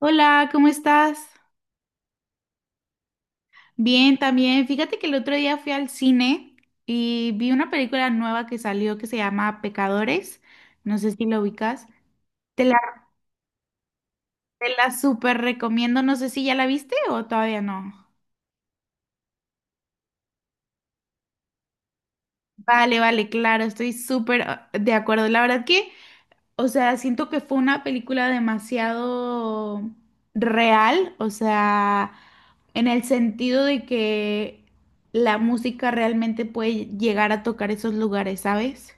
Hola, ¿cómo estás? Bien, también. Fíjate que el otro día fui al cine y vi una película nueva que salió que se llama Pecadores. No sé si lo ubicas. Te la, te la súper recomiendo. No sé si ya la viste o todavía no. Vale, vale, claro, estoy súper de acuerdo. La verdad que O sea, siento que fue una película demasiado real, o sea, en el sentido de que la música realmente puede llegar a tocar esos lugares, ¿sabes?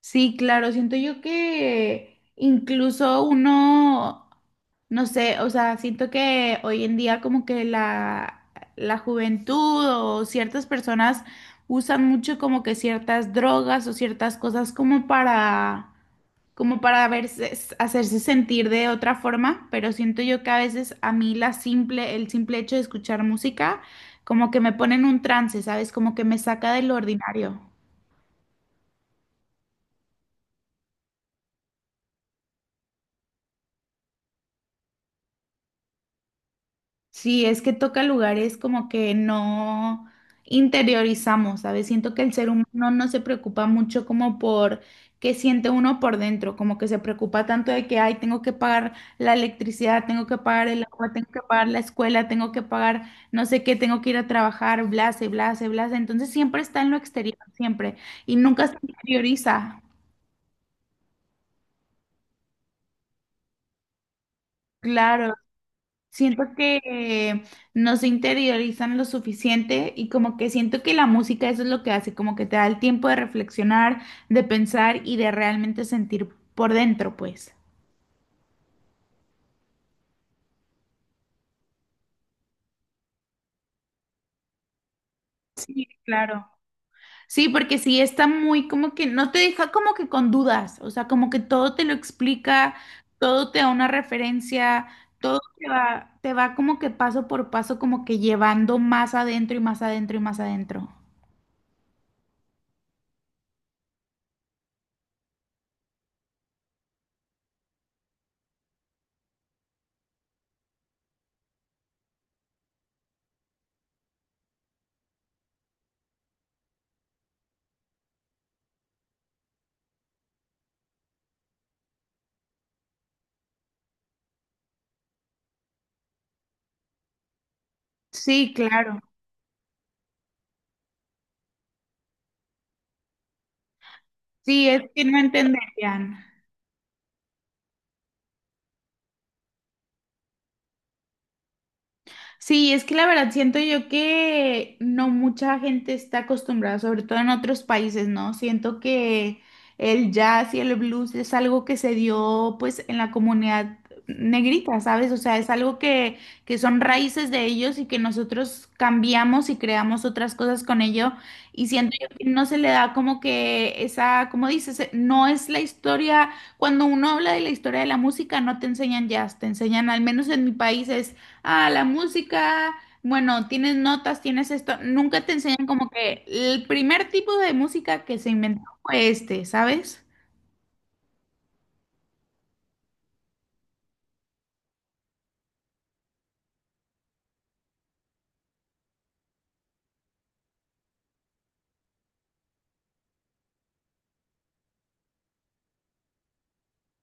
Sí, claro, siento yo que incluso uno, no sé, o sea, siento que hoy en día como que la juventud o ciertas personas usan mucho como que ciertas drogas o ciertas cosas como para verse, hacerse sentir de otra forma, pero siento yo que a veces a mí el simple hecho de escuchar música, como que me pone en un trance, ¿sabes? Como que me saca del ordinario. Sí, es que toca lugares como que no interiorizamos, ¿sabes? Siento que el ser humano no se preocupa mucho como por qué siente uno por dentro, como que se preocupa tanto de que, ay, tengo que pagar la electricidad, tengo que pagar el agua, tengo que pagar la escuela, tengo que pagar no sé qué, tengo que ir a trabajar, blase, blase, blase. Entonces siempre está en lo exterior, siempre, y nunca se interioriza. Claro. Siento que no se interiorizan lo suficiente y como que siento que la música eso es lo que hace, como que te da el tiempo de reflexionar, de pensar y de realmente sentir por dentro, pues. Sí, claro. Sí, porque sí está muy como que no te deja como que con dudas, o sea, como que todo te lo explica, todo te da una referencia, todo te va como que paso por paso, como que llevando más adentro y más adentro y más adentro. Sí, claro. Sí, es que no entenderían. Sí, es que la verdad siento yo que no mucha gente está acostumbrada, sobre todo en otros países, ¿no? Siento que el jazz y el blues es algo que se dio pues en la comunidad negrita, ¿sabes? O sea, es algo que son raíces de ellos y que nosotros cambiamos y creamos otras cosas con ello. Y siento yo que no se le da como que esa, como dices, no es la historia, cuando uno habla de la historia de la música, no te enseñan jazz, te enseñan, al menos en mi país, es la música, bueno, tienes notas, tienes esto, nunca te enseñan como que el primer tipo de música que se inventó fue este, ¿sabes?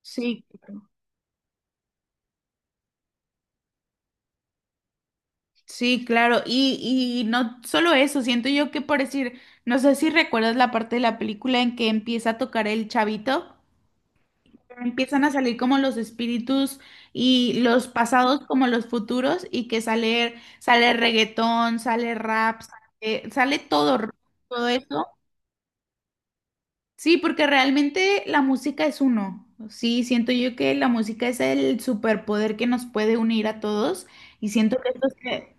Sí, sí, claro, y no solo eso, siento yo que por decir, no sé si recuerdas la parte de la película en que empieza a tocar el chavito, empiezan a salir como los espíritus y los pasados como los futuros y que sale, sale reggaetón, sale rap, sale todo, todo eso. Sí, porque realmente la música es uno. Sí, siento yo que la música es el superpoder que nos puede unir a todos y siento que esto se,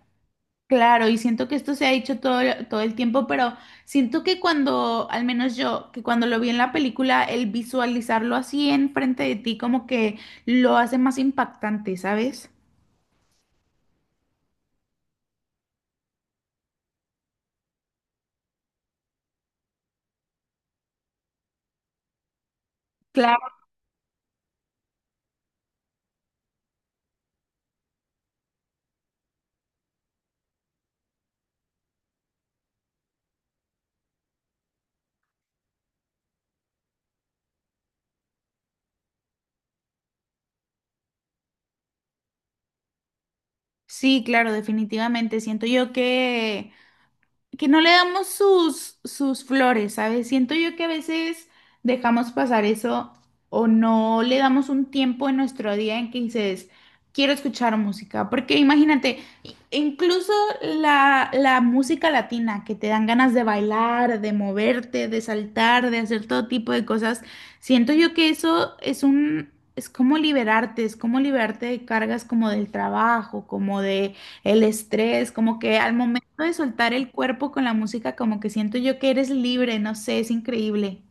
claro, y siento que esto se ha hecho todo, todo el tiempo, pero siento que cuando, al menos yo, que cuando lo vi en la película, el visualizarlo así enfrente de ti como que lo hace más impactante, ¿sabes? Claro. Sí, claro, definitivamente. Siento yo que no le damos sus flores, ¿sabes? Siento yo que a veces dejamos pasar eso o no le damos un tiempo en nuestro día en que dices, quiero escuchar música, porque imagínate, incluso la música latina, que te dan ganas de bailar, de moverte, de saltar, de hacer todo tipo de cosas, siento yo que eso es un. Es como liberarte de cargas como del trabajo, como de, el estrés, como que al momento de soltar el cuerpo con la música, como que siento yo que eres libre, no sé, es increíble.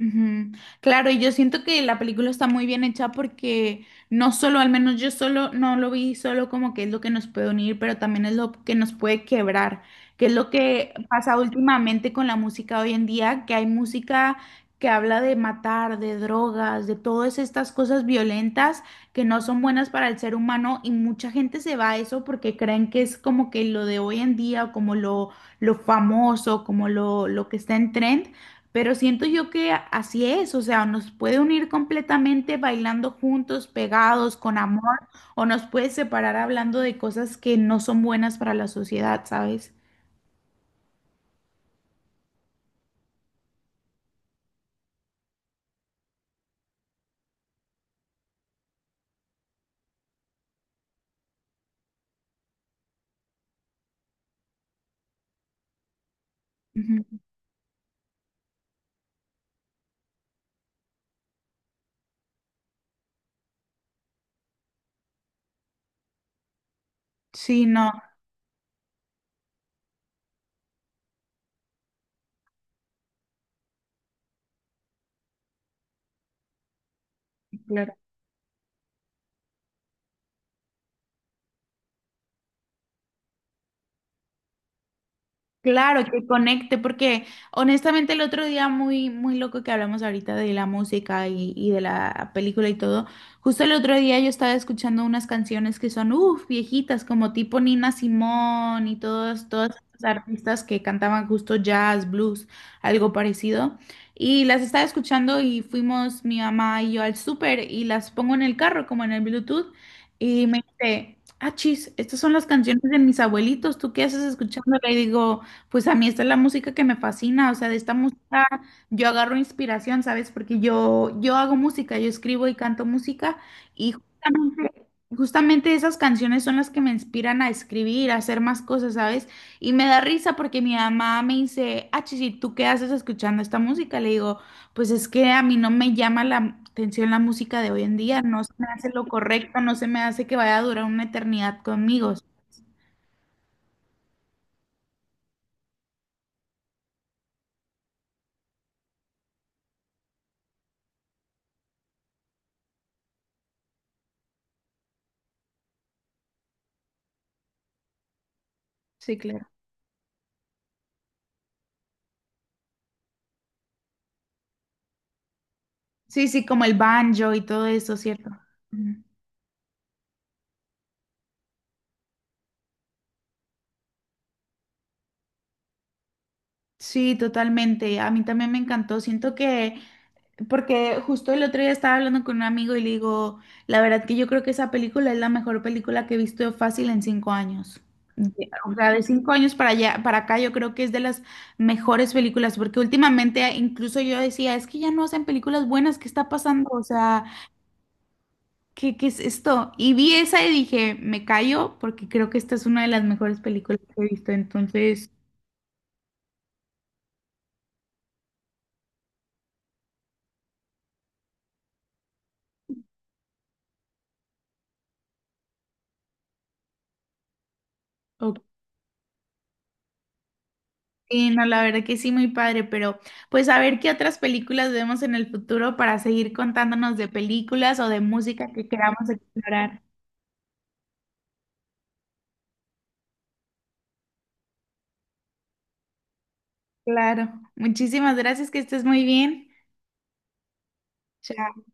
Ujú. Claro, y yo siento que la película está muy bien hecha porque no solo, al menos yo solo no lo vi solo como que es lo que nos puede unir, pero también es lo que nos puede quebrar, que es lo que pasa últimamente con la música hoy en día, que hay música que habla de matar, de drogas, de todas estas cosas violentas que no son buenas para el ser humano y mucha gente se va a eso porque creen que es como que lo de hoy en día, como lo famoso, como lo que está en trend. Pero siento yo que así es, o sea, nos puede unir completamente bailando juntos, pegados, con amor, o nos puede separar hablando de cosas que no son buenas para la sociedad, ¿sabes? Ujú. Sí, no, claro. Claro, que conecte, porque honestamente el otro día muy, muy loco que hablamos ahorita de la música y de la película y todo, justo el otro día yo estaba escuchando unas canciones que son, uff, viejitas, como tipo Nina Simón y todas estas artistas que cantaban justo jazz, blues, algo parecido. Y las estaba escuchando y fuimos mi mamá y yo al súper y las pongo en el carro, como en el Bluetooth, y me dice: Ah, chis, estas son las canciones de mis abuelitos, ¿tú qué haces escuchándola? Y digo, pues a mí esta es la música que me fascina, o sea, de esta música yo agarro inspiración, ¿sabes? Porque yo hago música, yo escribo y canto música y justamente esas canciones son las que me inspiran a escribir, a hacer más cosas, ¿sabes? Y me da risa porque mi mamá me dice, ah, Chichi, ¿tú qué haces escuchando esta música? Le digo, pues es que a mí no me llama la atención la música de hoy en día, no se me hace lo correcto, no se me hace que vaya a durar una eternidad conmigo. Sí, claro. Sí, sí, como el banjo y todo eso, ¿cierto? Ujú. Sí, totalmente. A mí también me encantó. Siento que, porque justo el otro día estaba hablando con un amigo y le digo, la verdad que yo creo que esa película es la mejor película que he visto fácil en 5 años. O sea, de 5 años para allá, para acá, yo creo que es de las mejores películas, porque últimamente incluso yo decía, es que ya no hacen películas buenas, ¿qué está pasando? O sea, ¿Qué es esto? Y vi esa y dije, me callo porque creo que esta es una de las mejores películas que he visto. Entonces, ok, no, la verdad que sí, muy padre, pero pues a ver qué otras películas vemos en el futuro para seguir contándonos de películas o de música que queramos explorar. Claro. Muchísimas gracias, que estés muy bien. Chao.